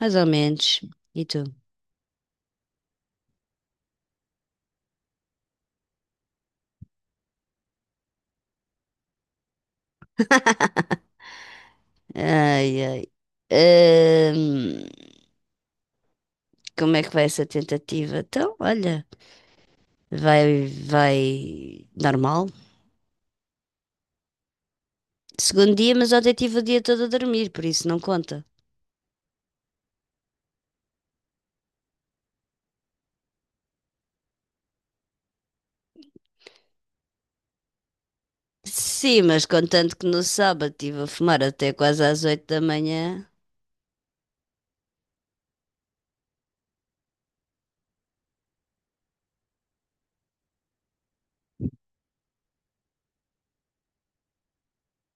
Mais ou menos. E tu? Ai, ai. Ahm, Como é que vai essa tentativa? Então, olha, vai normal. Segundo dia, mas ontem tive o dia todo a dormir, por isso não conta. Sim, mas contando que no sábado estive a fumar até quase às 8 da manhã.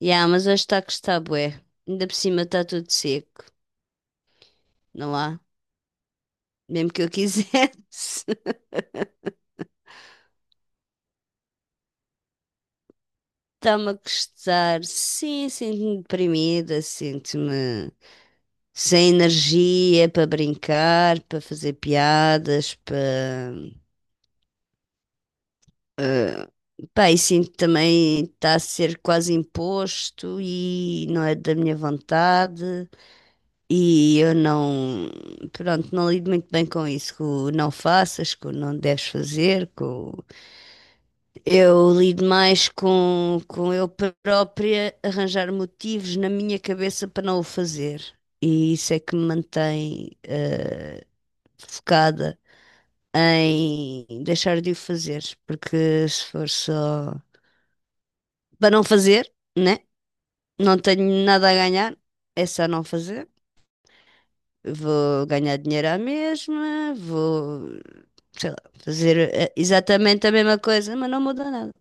Ya, mas hoje está que está bué. Ainda por cima está tudo seco, não há? Mesmo que eu quisesse. Está-me a custar. Sim, sinto-me deprimida, sinto-me sem energia para brincar, para fazer piadas, para. Pá, e sinto também está a ser quase imposto e não é da minha vontade. E eu não. Pronto, não lido muito bem com isso, com o não faças, com o não deves fazer. Eu lido mais com eu própria arranjar motivos na minha cabeça para não o fazer. E isso é que me mantém focada em deixar de o fazer, porque se for só para não fazer, né? Não tenho nada a ganhar, é só não fazer. Vou ganhar dinheiro à mesma, vou, sei lá, fazer exatamente a mesma coisa, mas não muda nada.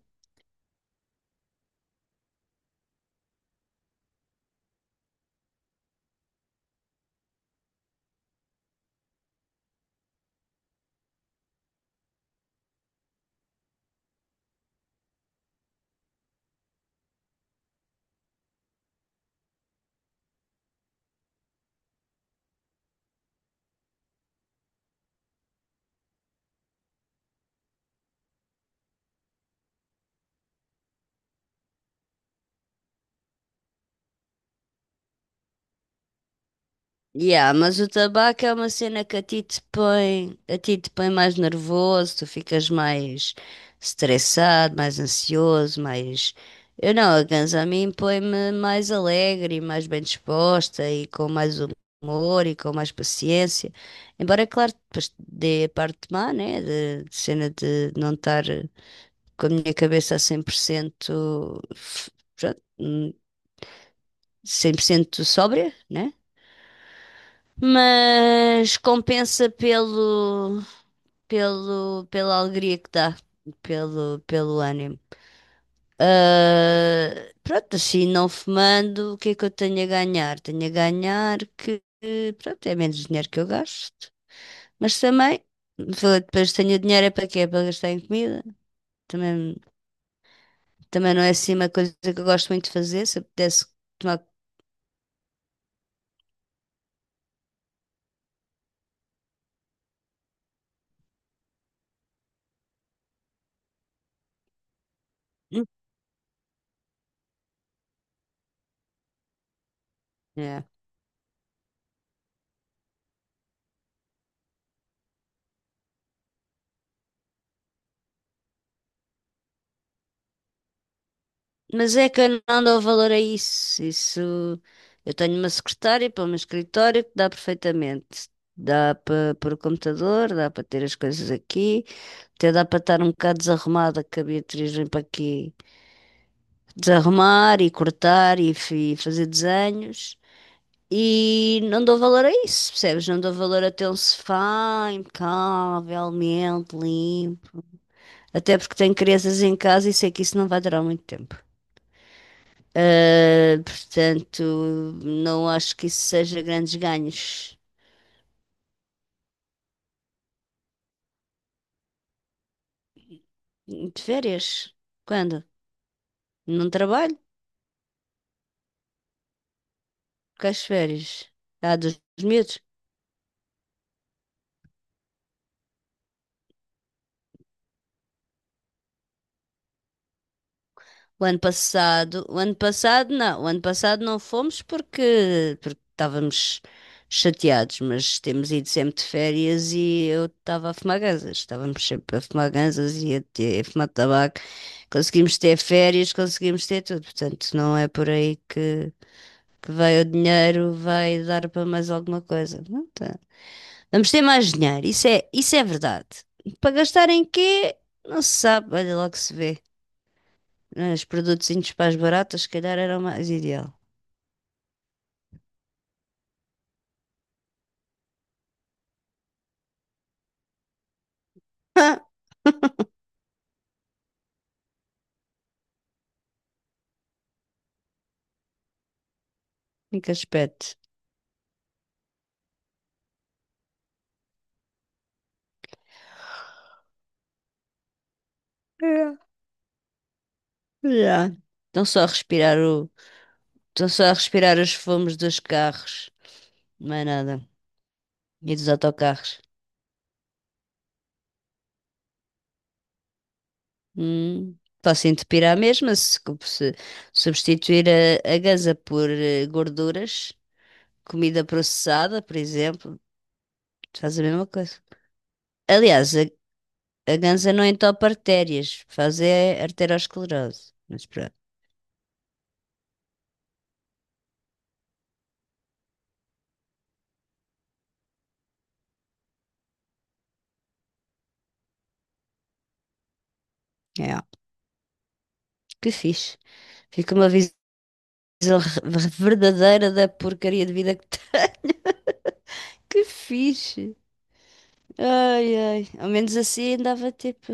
Yeah, mas o tabaco é uma cena que a ti te põe mais nervoso, tu ficas mais estressado, mais ansioso, mais. Eu não, a ganza a mim põe-me mais alegre e mais bem disposta e com mais humor e com mais paciência. Embora, claro, depois dê a parte má, né? De cena de não estar com a minha cabeça a 100%, pronto, 100% sóbria, né? Mas compensa pela alegria que dá, pelo ânimo. Ah, pronto, assim, não fumando, o que é que eu tenho a ganhar? Tenho a ganhar que, pronto, é menos dinheiro que eu gasto, mas também, depois tenho o dinheiro é para quê? É para gastar em comida. Também, também, não é assim uma coisa que eu gosto muito de fazer, se eu pudesse tomar. Hum. É. Mas é que eu não dou valor a isso. Isso eu tenho uma secretária para o meu escritório que dá perfeitamente. Dá para pôr o computador, dá para ter as coisas aqui, até dá para estar um bocado desarrumada, que a Beatriz vem para aqui desarrumar e cortar e fazer desenhos. E não dou valor a isso, percebes? Não dou valor a ter um sofá impecavelmente limpo. Até porque tenho crianças em casa e sei que isso não vai durar muito tempo. Portanto, não acho que isso seja grandes ganhos. De férias? Quando? Não trabalho? Com as férias? Há dos medos. O ano passado não, o ano passado não fomos porque estávamos chateados, mas temos ido sempre de férias e eu estava a fumar ganzas, estávamos sempre a fumar ganzas e a fumar tabaco, conseguimos ter férias, conseguimos ter tudo, portanto não é por aí que veio o dinheiro, vai dar para mais alguma coisa. Não tá. Vamos ter mais dinheiro, isso é verdade. Para gastar em quê? Não se sabe, olha lá que se vê. Os produtos para as baratas, se calhar, era o mais ideal. Ah, em que aspecto? É. Já. Estão só a respirar o. Estão só a respirar os fumos dos carros. Não é nada. E dos autocarros. Hum. Faço entupir à mesma se substituir a ganza por gorduras, comida processada, por exemplo, faz a mesma coisa. Aliás, a ganza não entope artérias, faz é arteriosclerose. Mas pronto, é, ó, que fixe. Fica uma visão verdadeira da porcaria de vida que tá. Que fixe. Ai, ai, ao menos assim andava tipo.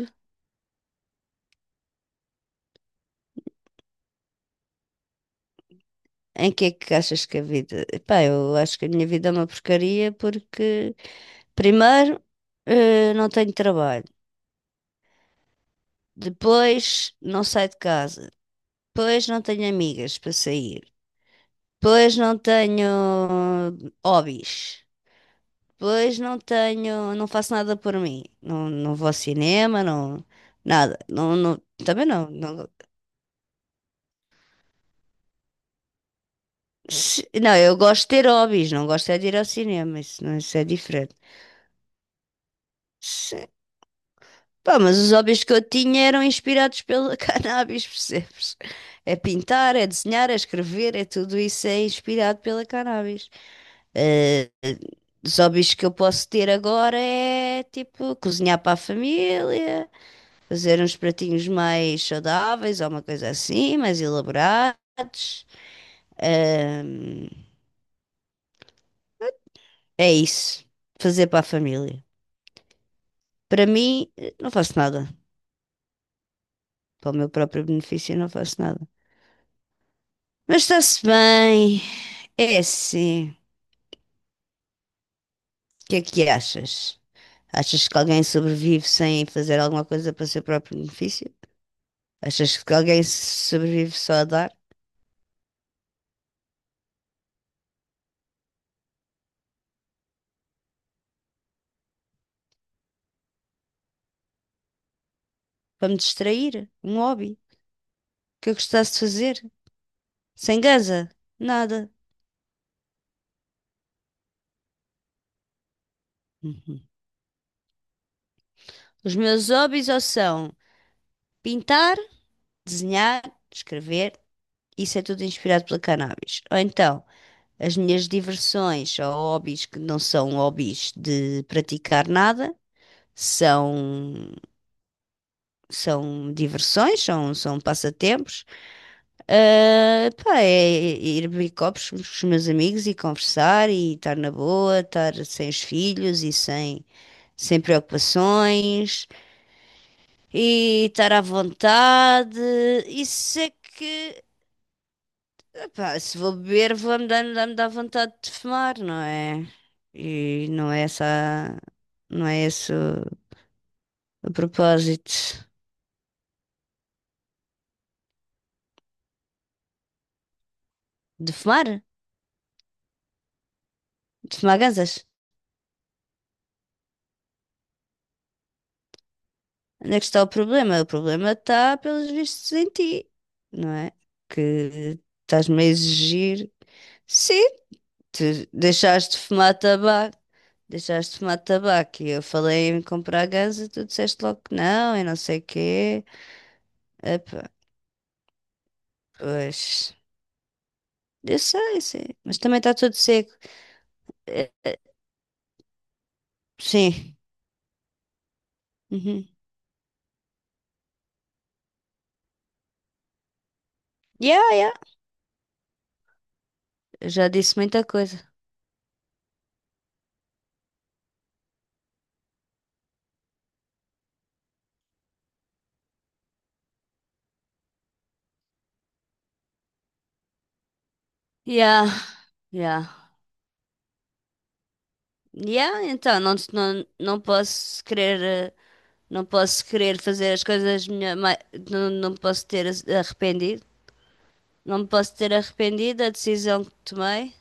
Em que é que achas que a vida? Pá, eu acho que a minha vida é uma porcaria porque, primeiro, não tenho trabalho, depois, não saio de casa, depois, não tenho amigas para sair, pois não tenho hobbies. Pois não tenho, não faço nada por mim. Não, não vou ao cinema, não, nada. Não, não, também não, não. Não, eu gosto de ter hobbies, não gosto é de ir ao cinema, isso, não, isso é diferente. Se- Pá, mas os hobbies que eu tinha eram inspirados pela cannabis, percebes? É pintar, é desenhar, é escrever, é tudo isso é inspirado pela cannabis. Ah, os hobbies que eu posso ter agora é tipo cozinhar para a família, fazer uns pratinhos mais saudáveis ou uma coisa assim, mais elaborados. Ah, é isso, fazer para a família. Para mim, não faço nada. Para o meu próprio benefício, não faço nada. Mas está-se bem, é assim. O que é que achas? Achas que alguém sobrevive sem fazer alguma coisa para o seu próprio benefício? Achas que alguém sobrevive só a dar? Para me distrair, um hobby que eu gostasse de fazer. Sem gaza, nada. Os meus hobbies ou são pintar, desenhar, escrever, isso é tudo inspirado pela cannabis. Ou então, as minhas diversões ou hobbies que não são hobbies de praticar nada, são, são diversões, são passatempos. Ah, pá, é ir beber copos com os meus amigos e conversar e estar na boa, estar sem os filhos e sem preocupações e estar à vontade. Isso é que, epá, se vou beber, vou-me dando, dá-me dar vontade de fumar, não é? E não é essa, não é esse o propósito de fumar, de fumar ganzas. Onde é que está o problema? O problema está, pelos vistos, em ti, não é? Que estás-me a exigir. Sim, tu deixaste de fumar tabaco Deixaste de fumar tabaco e eu falei em comprar gás e tu disseste logo que não e não sei o quê. Epá, pois. Eu sei, sei. Mas também está tudo seco. Eh, eh, Sim. Uhum. Yeah, yeah. Eu já disse muita coisa. Yeah, yeah. Yeah, então não, não, não posso querer. Não posso querer fazer as coisas melhor. Não, não posso ter arrependido. Não me posso ter arrependido da decisão que tomei.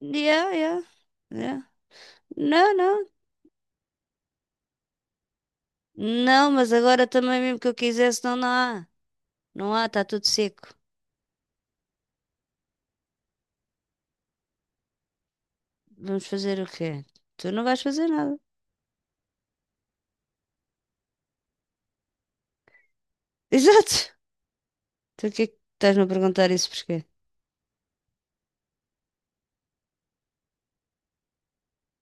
Yeah, yeah. Yeah. Não, não. Não, mas agora também mesmo que eu quisesse, não, não há. Não há, está tudo seco. Vamos fazer o quê? Tu não vais fazer nada. Exato. Tu o que é que estás-me a perguntar isso porquê?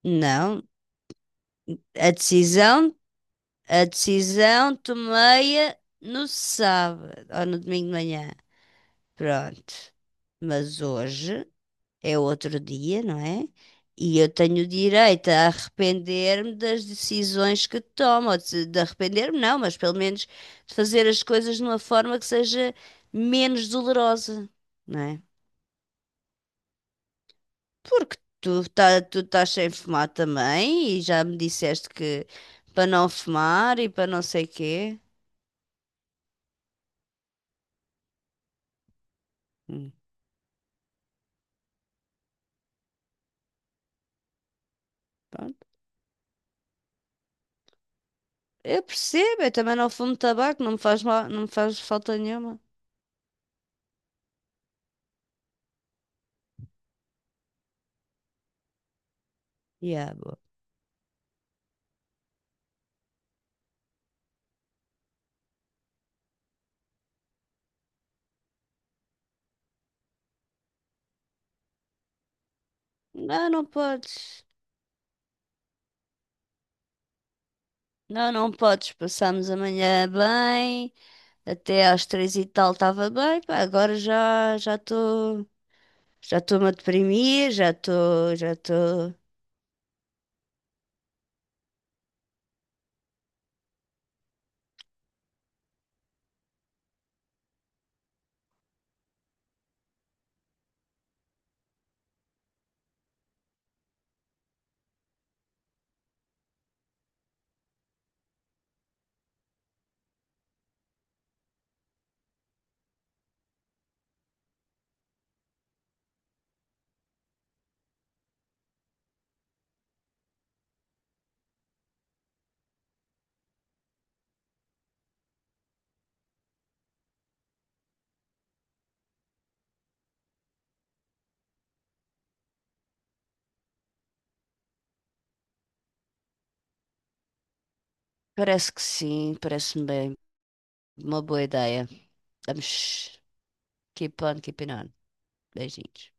Não, a decisão, a decisão tomei-a no sábado ou no domingo de manhã. Pronto. Mas hoje é outro dia, não é? E eu tenho direito a arrepender-me das decisões que tomo, ou de, arrepender-me não, mas pelo menos de fazer as coisas de uma forma que seja menos dolorosa, não é? Porque tu, tá, tu estás sem fumar também e já me disseste que para não fumar e para não sei quê. Hum, pronto. Eu percebo, eu também não fumo tabaco, não me faz mal, não me faz falta nenhuma. Yeah, boa. Não, não podes. Não, não podes. Passámos amanhã bem, até às 3 e tal estava bem, pá, agora já estou-me a deprimir, já estou. Parece que sim, parece-me bem, uma boa ideia. Vamos keep on keeping on. Beijinhos.